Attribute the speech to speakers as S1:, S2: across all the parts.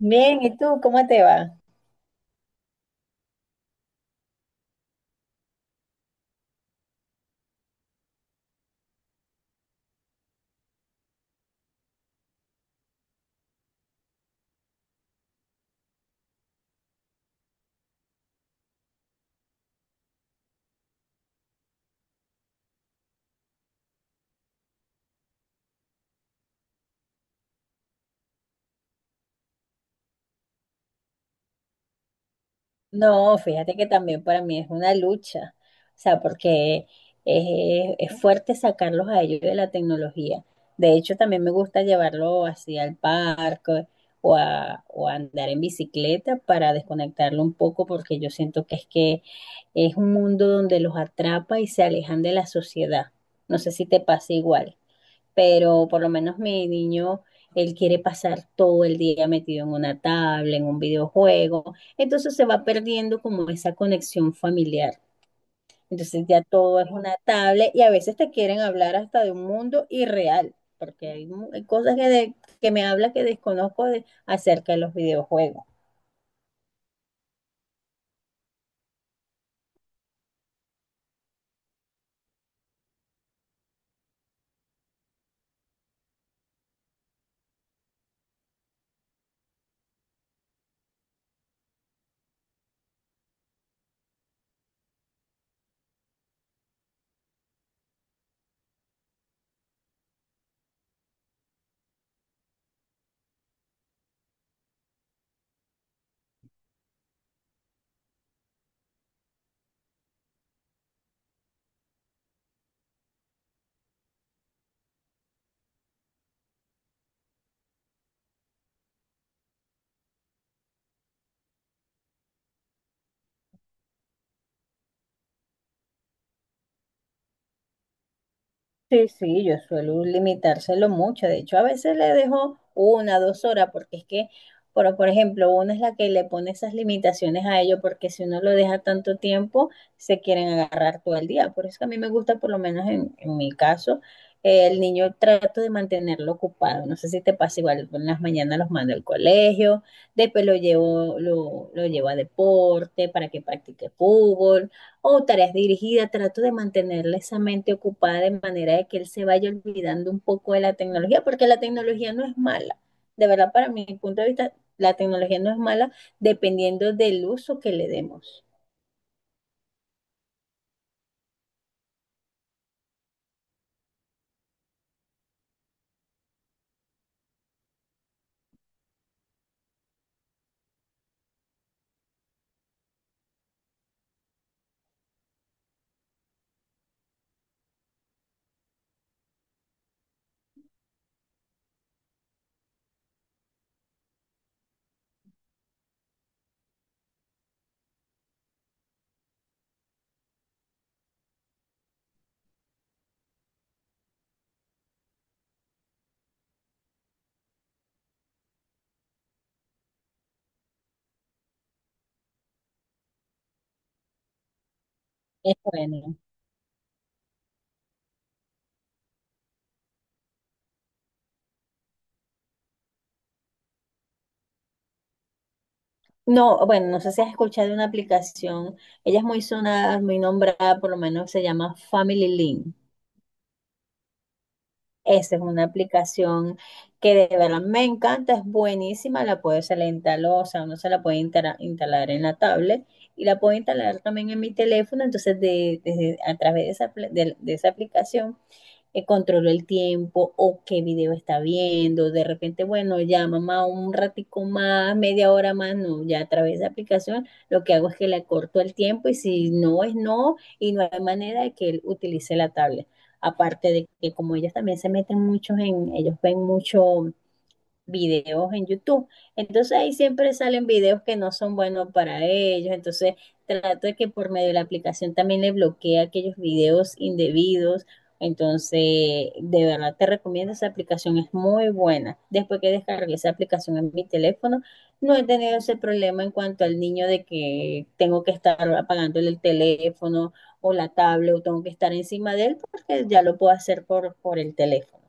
S1: Bien, ¿y tú cómo te va? No, fíjate que también para mí es una lucha, o sea, porque es fuerte sacarlos a ellos de la tecnología. De hecho, también me gusta llevarlo así al parque o a andar en bicicleta para desconectarlo un poco, porque yo siento que es un mundo donde los atrapa y se alejan de la sociedad. No sé si te pasa igual, pero por lo menos mi niño, él quiere pasar todo el día metido en una tabla, en un videojuego, entonces se va perdiendo como esa conexión familiar. Entonces ya todo es una tablet y a veces te quieren hablar hasta de un mundo irreal, porque hay, hay cosas que, que me habla que desconozco de, acerca de los videojuegos. Sí, sí, yo suelo limitárselo mucho. De hecho, a veces le dejo una, dos horas, porque es que, por ejemplo, una es la que le pone esas limitaciones a ello, porque si uno lo deja tanto tiempo, se quieren agarrar todo el día. Por eso que a mí me gusta, por lo menos en mi caso, el niño trato de mantenerlo ocupado. No sé si te pasa igual, en las mañanas los mando al colegio, después lo llevo, lo llevo a deporte para que practique fútbol o tareas dirigidas, trato de mantenerle esa mente ocupada de manera de que él se vaya olvidando un poco de la tecnología, porque la tecnología no es mala. De verdad, para mi punto de vista, la tecnología no es mala dependiendo del uso que le demos. Es bueno. No, bueno, no sé si has escuchado una aplicación, ella es muy sonada, muy nombrada, por lo menos se llama Family Link. Esa es una aplicación que de verdad me encanta, es buenísima, la puedo, se la instaló, o sea, uno se la puede instalar, instalar en la tablet y la puedo instalar también en mi teléfono, entonces de, a través de esa, de esa aplicación controló el tiempo o qué video está viendo. De repente, bueno, ya mamá, un ratico más, media hora más, no, ya a través de aplicación lo que hago es que le corto el tiempo y si no es no y no hay manera de que él utilice la tablet. Aparte de que como ellos también se meten muchos en, ellos ven mucho videos en YouTube. Entonces ahí siempre salen videos que no son buenos para ellos. Entonces trato de que por medio de la aplicación también le bloquee aquellos videos indebidos. Entonces, de verdad te recomiendo esa aplicación, es muy buena. Después que descargué esa aplicación en mi teléfono, no he tenido ese problema en cuanto al niño de que tengo que estar apagándole el teléfono o la tablet o tengo que estar encima de él porque ya lo puedo hacer por el teléfono.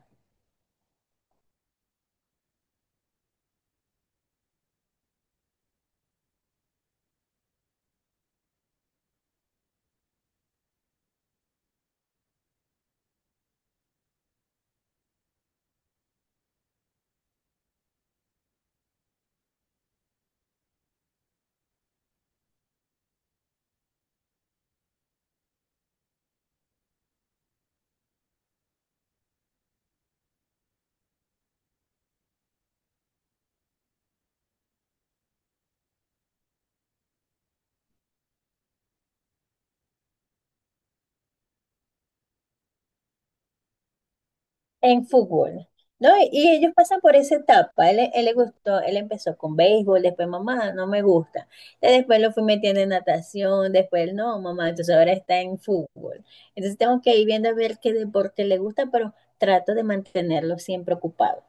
S1: En fútbol, ¿no? Y ellos pasan por esa etapa. Él le gustó, él empezó con béisbol, después mamá, no me gusta. Y después lo fui metiendo en natación, después no, mamá, entonces ahora está en fútbol. Entonces tengo que ir viendo a ver qué deporte le gusta, pero trato de mantenerlo siempre ocupado.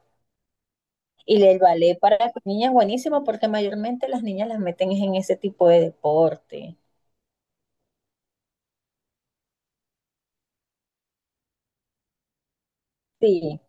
S1: Y el ballet para las niñas es buenísimo porque mayormente las niñas las meten en ese tipo de deporte. Sí.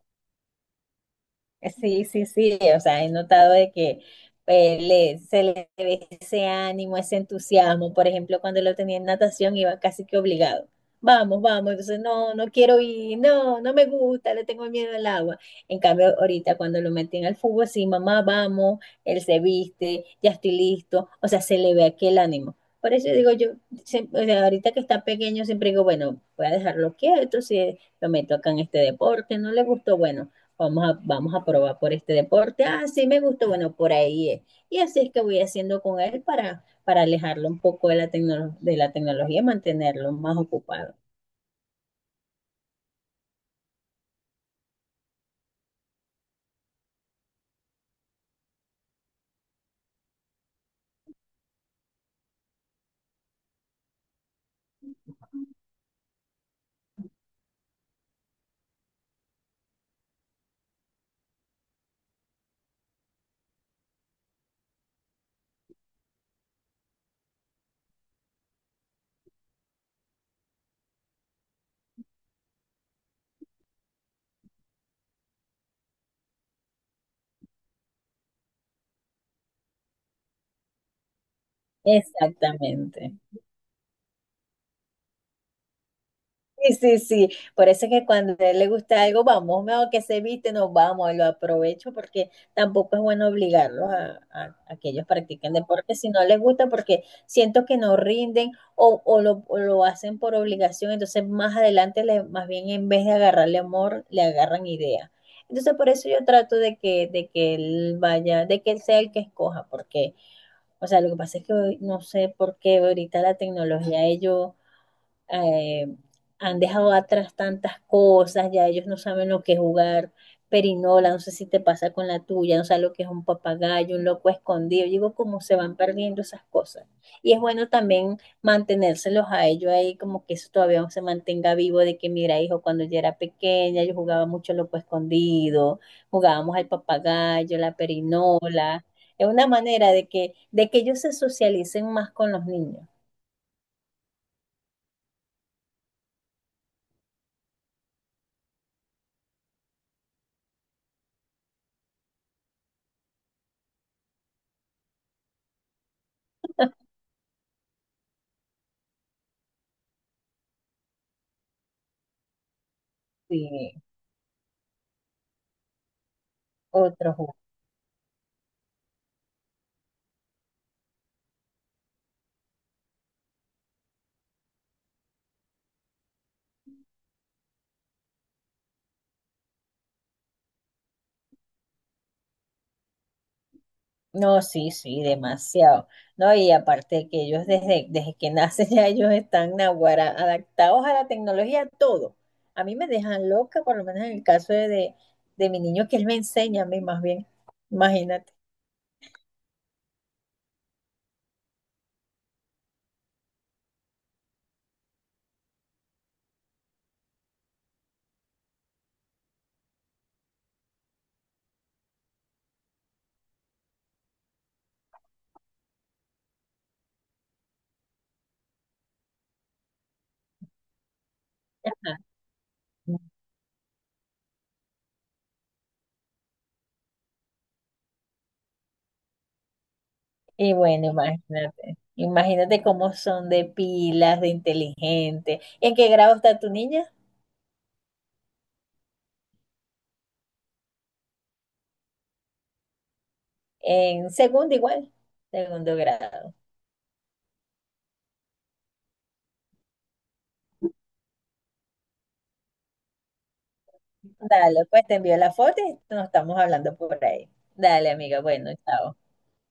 S1: Sí, sí, sí, o sea, he notado de que se le ve ese ánimo, ese entusiasmo. Por ejemplo, cuando lo tenía en natación iba casi que obligado. Vamos, vamos, entonces no, no quiero ir, no, no me gusta, le tengo miedo al agua. En cambio, ahorita cuando lo meten al fútbol, sí, mamá, vamos, él se viste, ya estoy listo, o sea, se le ve aquel ánimo. Por eso digo yo, o sea, ahorita que está pequeño, siempre digo, bueno, voy a dejarlo quieto, si lo meto acá en este deporte, no le gustó, bueno. Vamos a probar por este deporte. Ah, sí me gustó, bueno, por ahí es. Y así es que voy haciendo con él para alejarlo un poco de la, de la tecnología y mantenerlo más ocupado. Exactamente. Sí, sí, sí. Por eso es que cuando a él le gusta algo, vamos, mejor que se viste, nos vamos, lo aprovecho porque tampoco es bueno obligarlos a, a que ellos practiquen deporte si no les gusta, porque siento que no rinden o, o lo hacen por obligación. Entonces, más adelante, más bien en vez de agarrarle amor, le agarran idea. Entonces, por eso yo trato de que él vaya, de que él sea el que escoja, porque, o sea, lo que pasa es que hoy no sé por qué ahorita la tecnología, ellos eh, han dejado atrás tantas cosas, ya ellos no saben lo que es jugar perinola, no sé si te pasa con la tuya, no sabes lo que es un papagayo, un loco escondido, digo, cómo se van perdiendo esas cosas. Y es bueno también mantenérselos a ellos ahí, como que eso todavía se mantenga vivo, de que mira, hijo, cuando yo era pequeña, yo jugaba mucho loco escondido, jugábamos al papagayo, la perinola, es una manera de que ellos se socialicen más con los niños. Sí, otro juego. No, sí, sí, demasiado. No, y aparte que ellos desde que nacen ya ellos están naguará, adaptados a la tecnología, a todo. A mí me dejan loca, por lo menos en el caso de mi niño, que él me enseña a mí más bien. Imagínate. Ajá. Y bueno, imagínate. Imagínate cómo son de pilas, de inteligente. ¿En qué grado está tu niña? En segundo igual, segundo grado. Dale, pues te envío la foto y nos estamos hablando por ahí. Dale, amiga. Bueno, chao.